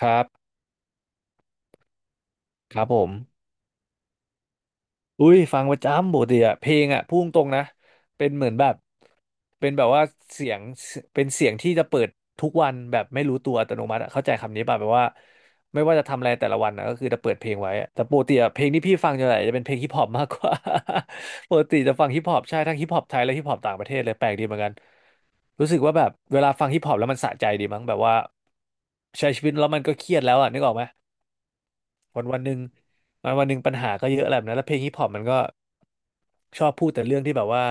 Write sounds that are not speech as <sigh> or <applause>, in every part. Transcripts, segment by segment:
ครับครับผมอุ้ยฟังประจำปกติอะเพลงอะพุ่งตรงๆนะเป็นเหมือนแบบเป็นแบบว่าเสียงเป็นเสียงที่จะเปิดทุกวันแบบไม่รู้ตัวอัตโนมัติอะเข้าใจคำนี้ป่ะแบบว่าไม่ว่าจะทำอะไรแต่ละวันนะก็คือจะเปิดเพลงไว้อะแต่ปกติอะเพลงที่พี่ฟังจะไหนจะเป็นเพลงฮิปฮอปมากกว่า <laughs> ปกติจะฟังฮิปฮอปใช่ทั้งฮิปฮอปไทยและฮิปฮอปต่างประเทศเลยแปลกดีเหมือนกันรู้สึกว่าแบบเวลาฟังฮิปฮอปแล้วมันสะใจดีมั้งแบบว่าใช้ชีวิตแล้วมันก็เครียดแล้วอะนึกออกไหม วันวันหนึ่งวันวันหนึ่งปัญหาก็เยอะอะไรแบบนั้นแล้วเพลงฮิปฮอปมันก็ชอบพูดแต่เรื่องที่แบบว่า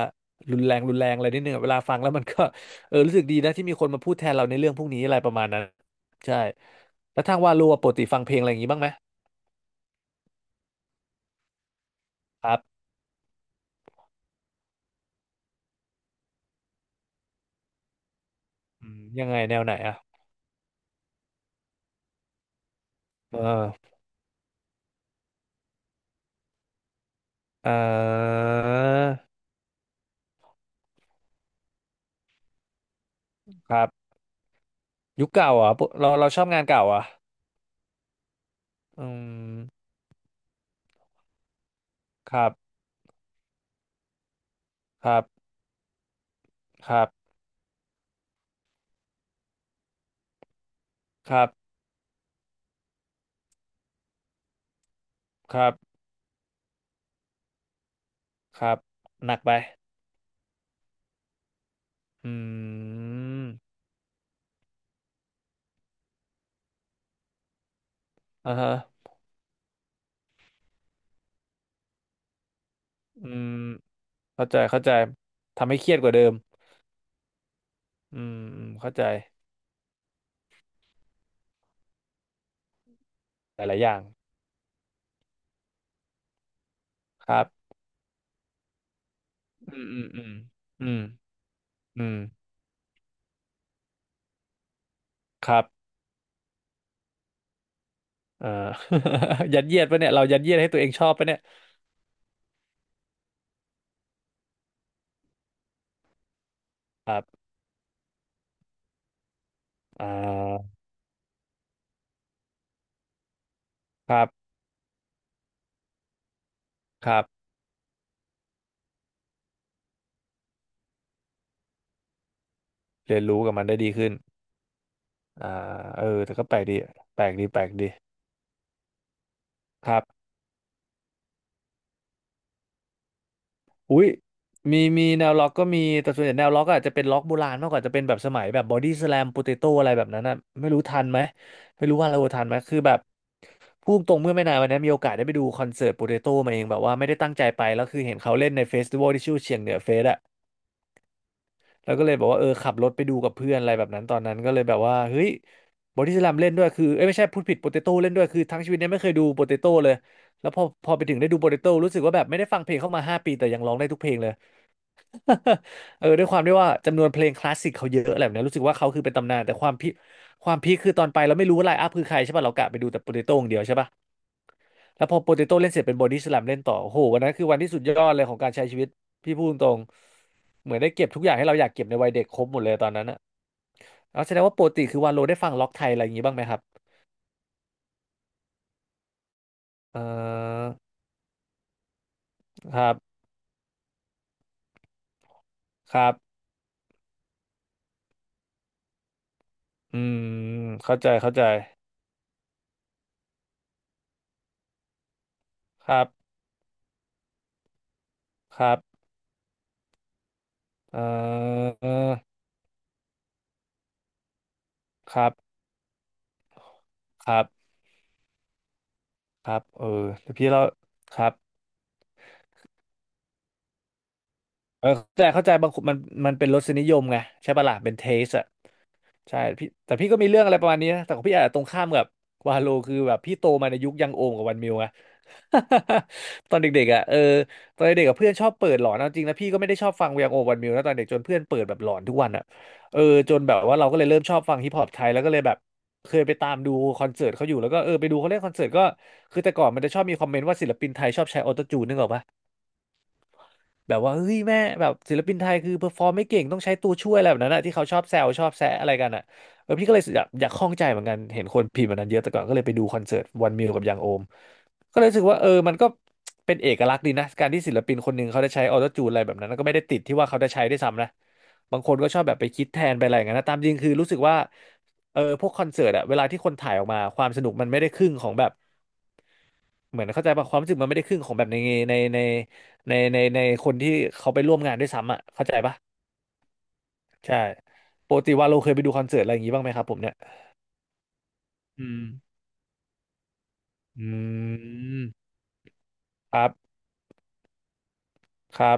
รุนแรงรุนแรงอะไรนิดนึงอะเวลาฟังแล้วมันก็ <laughs> เออรู้สึกดีนะที่มีคนมาพูดแทนเราในเรื่องพวกนี้อะไรประมาณนั้นใช่แล้วทางวาโลอะปกติฟังเพลงอะไรอย่างนี้บ้างไหมครับอืมยังไงแนวไหนอ่ะเออเออครับยุคเก่าเหรอ่ะเราเราชอบงานเก่าเหรอ่ะอืมครับครับครับครับครับครับหนักไปอืมอ่าฮะ อืมเข้าใจเข้าใจทำให้เครียดกว่าเดิมอืมอืมเข้าใจหลายๆอย่างครับอืมอืมอืมอืมอืมครับเอ่อ <laughs> ยัดเยียดปะเนี่ยเรายัดเยียดให้ตัวเองชอบปะเนี่ยครับอ่าครับครับเรียนรู้กับมันได้ดีขึ้นอ่าเออแต่ก็แปลกดีแปลกดีแปลกดีครับ อุ้ยมีมีแนวล็อกก็มีแต่ส่วนใหญ่แนวล็อกอาจจะเป็นล็อกโบราณมากกว่าจะเป็นแบบสมัยแบบบอดี้สแลมโปเตโต้อะไรแบบนั้นนะไม่รู้ทันไหมไม่รู้ว่าเราทันไหมคือแบบพูดตรงเมื่อไม่นานวันนี้มีโอกาสได้ไปดูคอนเสิร์ตโปเตโต้มาเองแบบว่าไม่ได้ตั้งใจไปแล้วคือเห็นเขาเล่นในเฟสติวัลที่ชื่อเชียงเหนือเฟสอะแล้วก็เลยบอกว่าเออขับรถไปดูกับเพื่อนอะไรแบบนั้นตอนนั้นก็เลยแบบว่าเฮ้ยบอดี้สแลมเล่นด้วยคือเอ้ยไม่ใช่พูดผิดโปเตโต้เล่นด้วยคือทั้งชีวิตเนี้ไม่เคยดูโปเตโต้เลยแล้วพอไปถึงได้ดูโปเตโต้รู้สึกว่าแบบไม่ได้ฟังเพลงเข้ามา5 ปีแต่ยังร้องได้ทุกเพลงเลย เออด้วยความที่ว่าจำนวนเพลงคลาสสิกเขาเยอะอะไรแบบเนี้ยรู้สึกว่าเขาคือเป็นตำนานแต่ความพีคคือตอนไปเราไม่รู้ว่าไลน์อัพคือใครใช่ป่ะ เรากะไปดูแต่โปเตโต้อย่างเดียวใช่ป่ะ แล้วพอโปเตโต้เล่นเสร็จเป็นบอดี้สแลมเล่นต่อโอ้โหวันนั้นคือวันที่สุดยอดเลยของการใช้ชีวิตพี่พูดตรงๆเหมือนได้เก็บทุกอย่างให้เราอยากเก็บในวัยเด็กครบหมดเลยตอนนั้นอะแล้วแสดงว่าปกติคือวาโลได้ฟังล็อกไทยอะไรอย่างงี้บ้างไหมครับเออครับครับอืมเข้าใจเข้าใจครับครับเออครับครับ ครับเออแต่พี่เราครับเออแต่เข้าใจบางคนมันมันเป็นรสนิยมไงใช่ปะล่ะเป็นเทสอะ ใช่พี่แต่พี่ก็มีเรื่องอะไรประมาณนี้นะแต่ของพี่อาจจะตรงข้ามกับวาโลคือแบบพี่โตมาในยุคยังโอมกับวันมิวไง <laughs> ตอนเด็กๆอะเออตอนเด็กกับเพื่อนชอบเปิดหลอนเอาจริงนะพี่ก็ไม่ได้ชอบฟังยังโอมวันมิวนะตอนเด็กจนเพื่อนเปิดแบบหลอนทุกวันอะเออจนแบบว่าเราก็เลยเริ่มชอบฟังฮิปฮอปไทยแล้วก็เลยแบบเคยไปตามดูคอนเสิร์ตเขาอยู่แล้วก็เออไปดูเขาเล่นคอนเสิร์ตก็คือแต่ก่อนมันจะชอบมีคอมเมนต์ว่าศิลปินไทยชอบใช้ออโตจูนนึกออกปะ แบบว่าเฮ้ยแม่แบบศิลปินไทยคือเพอร์ฟอร์มไม่เก่งต้องใช้ตัวช่วยอะไรแบบนั้นอะที่เขาชอบแซวชอบแซะอะไรกันอะแบบพี่ก็เลยอยากข้องใจเหมือนกันเห็นคนพิมพ์แบบนั้นเยอะแต่ก่อนก็เลยไปดูคอนเสิร์ตวันมิวกับยังโอมก็เลยรู้สึกว่าเออมันก็เป็นเอกลักษณ์ดีนะการที่ศิลปินคนหนึ่งเขาได้ใช้ออโต้จูนอะไรแบบนั้นก็ไม่ได้ติดที่ว่าเขาได้ใช้ด้วยซ้ำนะบางคนก็ชอบแบบไปคิดแทนไปอะไรอย่างนั้นนะตามจริงคือรู้สึกว่าเออพวกคอนเสิร์ตอะเวลาที่คนถ่ายออกมาความสนุกมันไม่ได้ครึ่งของแบบ เหมือนเข้าใจป่ะความรู้สึกมันไม่ได้ครึ่งของแบบในในในในในในคนที่เขาไปร่วมงานด้วยซ้ำอ่ะเข้าใจป่ะใช่ปกติว่าเราเคยไปดูคอนเสิร์ตอะไรอย่างงี้บ้างไหมครับผมเนี่ยอืมอืมครับครับ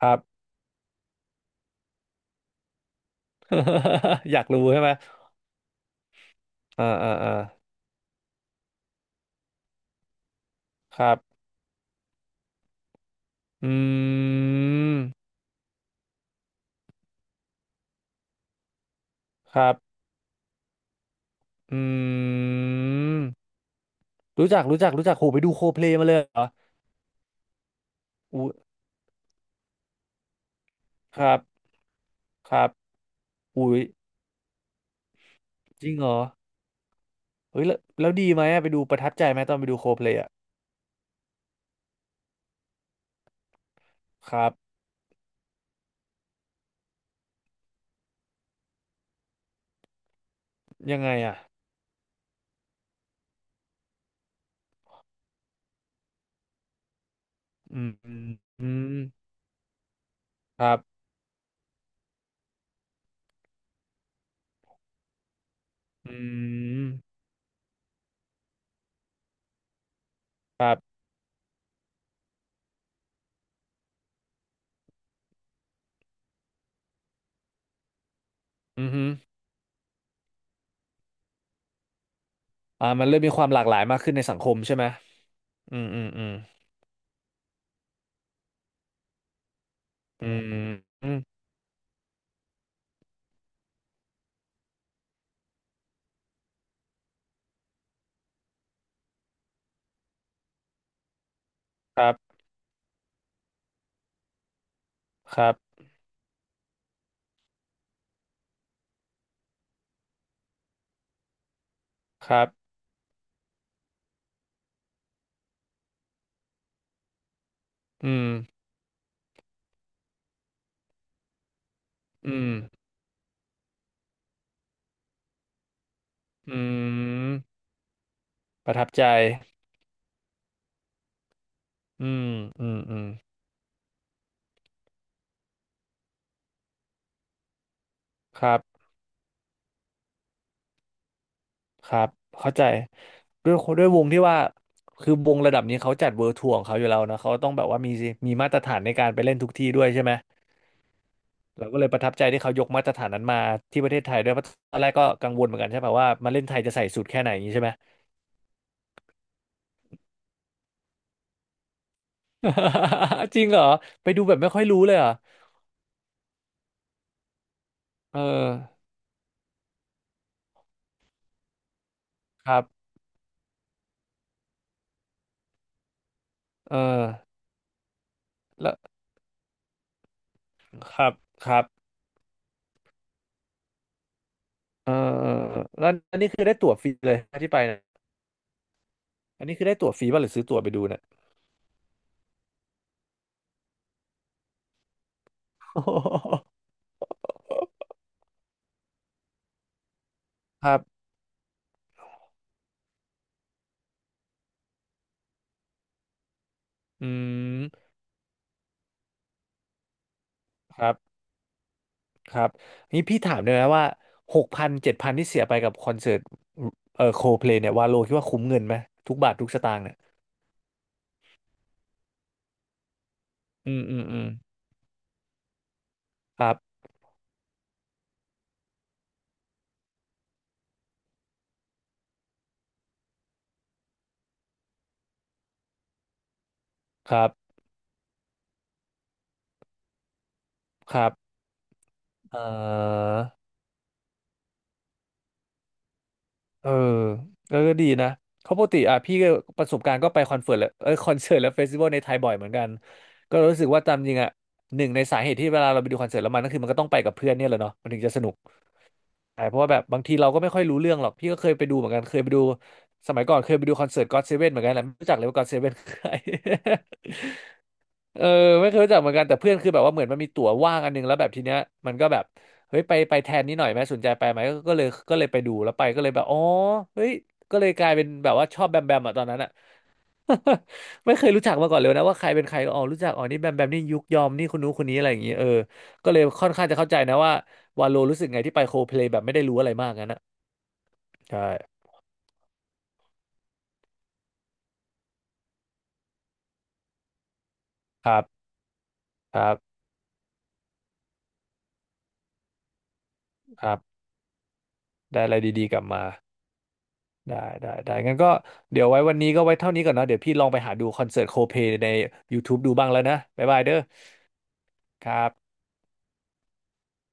ครับ <laughs> อยากรู้ใช่ไหมอ่าอ่าอ่าครับอืมครับอืมรู้จักโหไปดูโคเพลมาเลยเหรออุ้ยครับครับอุ้ยจริงเหรอเฮ้ยแล้วดีไหมอะไปดูประทับใจไหมตอนไปดูโคเพลอะครับ ยังไงอ่ะอืมอืมครับอืมครับอือฮึอ่ามันเริ่มมีความหลากหลายมากขึ้นในสังคมใช่ไหมอืมอืมอืมอืมอืมครับ ครับครับอืมอืมอืมประทับใจอืมอืมอืมครับครับเข้าใจด้วยวงที่ว่าคือวงระดับนี้เขาจัดเวิร์ทัวร์ของเขาอยู่แล้วนะ เขาต้องแบบว่ามีมาตรฐานในการไปเล่นทุกที่ด้วยใช่ไหม เราก็เลยประทับใจที่เขายกมาตรฐานนั้นมาที่ประเทศไทยด้วยเพราะตอนแรกก็กังวลเหมือนกันใช่ป่ะว่ามาเล่นไทยจะใส่สูตรแค่ไหนอย่างนี้ใช่ไหม <laughs> จริงเหรอไปดูแบบไม่ค่อยรู้เลยเหรอเออครับเออแล้วครับครับเออแล้วอันนี้คือได้ตั๋วฟรีเลยที่ไปนะอันนี้คือได้ตั๋วฟรีป่ะหรือซื้อตั๋วไปดูเนี่ย <laughs> ครับอืมครับครับนี่พี่ถามได้ไหมว่าหกพันเจ็ดพันที่เสียไปกับคอนเสิร์ตโคเพลเนี่ยวาโลคิดว่าคุ้มเงินไหมทุกบาททุกสตางค์เนี่ย อืมอืมอืมครับครับครับเออเออเออก็ดีนะเขาะปกติอ่ะพี่ก็ประสบการณ์ก็ไปคอนเสิร์ตและคอนเสิร์ตและเฟสติวัลในไทยบ่อยเหมือนกันก็รู้สึกว่าตามจริงอ่ะหนึ่งในสาเหตุที่เวลาเราไปดูคอนเสิร์ตแล้วมันก็คือมันก็ต้องไปกับเพื่อนเนี่ยแหละเนาะมันถึงจะสนุกใช่เพราะว่าแบบบางทีเราก็ไม่ค่อยรู้เรื่องหรอกพี่ก็เคยไปดูเหมือนกันเคยไปดูสมัยก่อนเคยไปดูคอนเสิร์ตก็อดเซเว่นเหมือนกันแหละไม่รู้จักเลยว่าก็อดเซเว่นคือใคร เออไม่เคยรู้จักเหมือนกันแต่เพื่อนคือแบบว่าเหมือนมันมีตั๋วว่างอันนึงแล้วแบบทีเนี้ยมันก็แบบเฮ้ยไปแทนนี้หน่อยไหมสนใจไปไหมก็เลยไปดูแล้วไปก็เลยแบบอ๋อเฮ้ยก็เลยกลายเป็นแบบว่าชอบแบมแบมอะตอนนั้นอะ <laughs> ไม่เคยรู้จักมาก่อนเลยนะว่าใครเป็นใครก็อ๋อรู้จักอ๋อนี่แบมแบมนี่ยุคยอมนี่คนนู้นคนนี้อะไรอย่างเงี้ยเออก็เลยค่อนข้างจะเข้าใจนะว่าวาโลรู้สึกไงที่ไปโคเพลย์แบบไม่ได้รู้อะไรมากงั้นนะใช่ครับครับครับได้อะไรดีๆกลับมา ได้ได้งั้นก็เดี๋ยวไว้วันนี้ก็ไว้เท่านี้ก่อนเนาะเดี๋ยวพี่ลองไปหาดูคอนเสิร์ตโคเพใน YouTube ดูบ้างแล้วนะบ๊ายบายเด้อครับ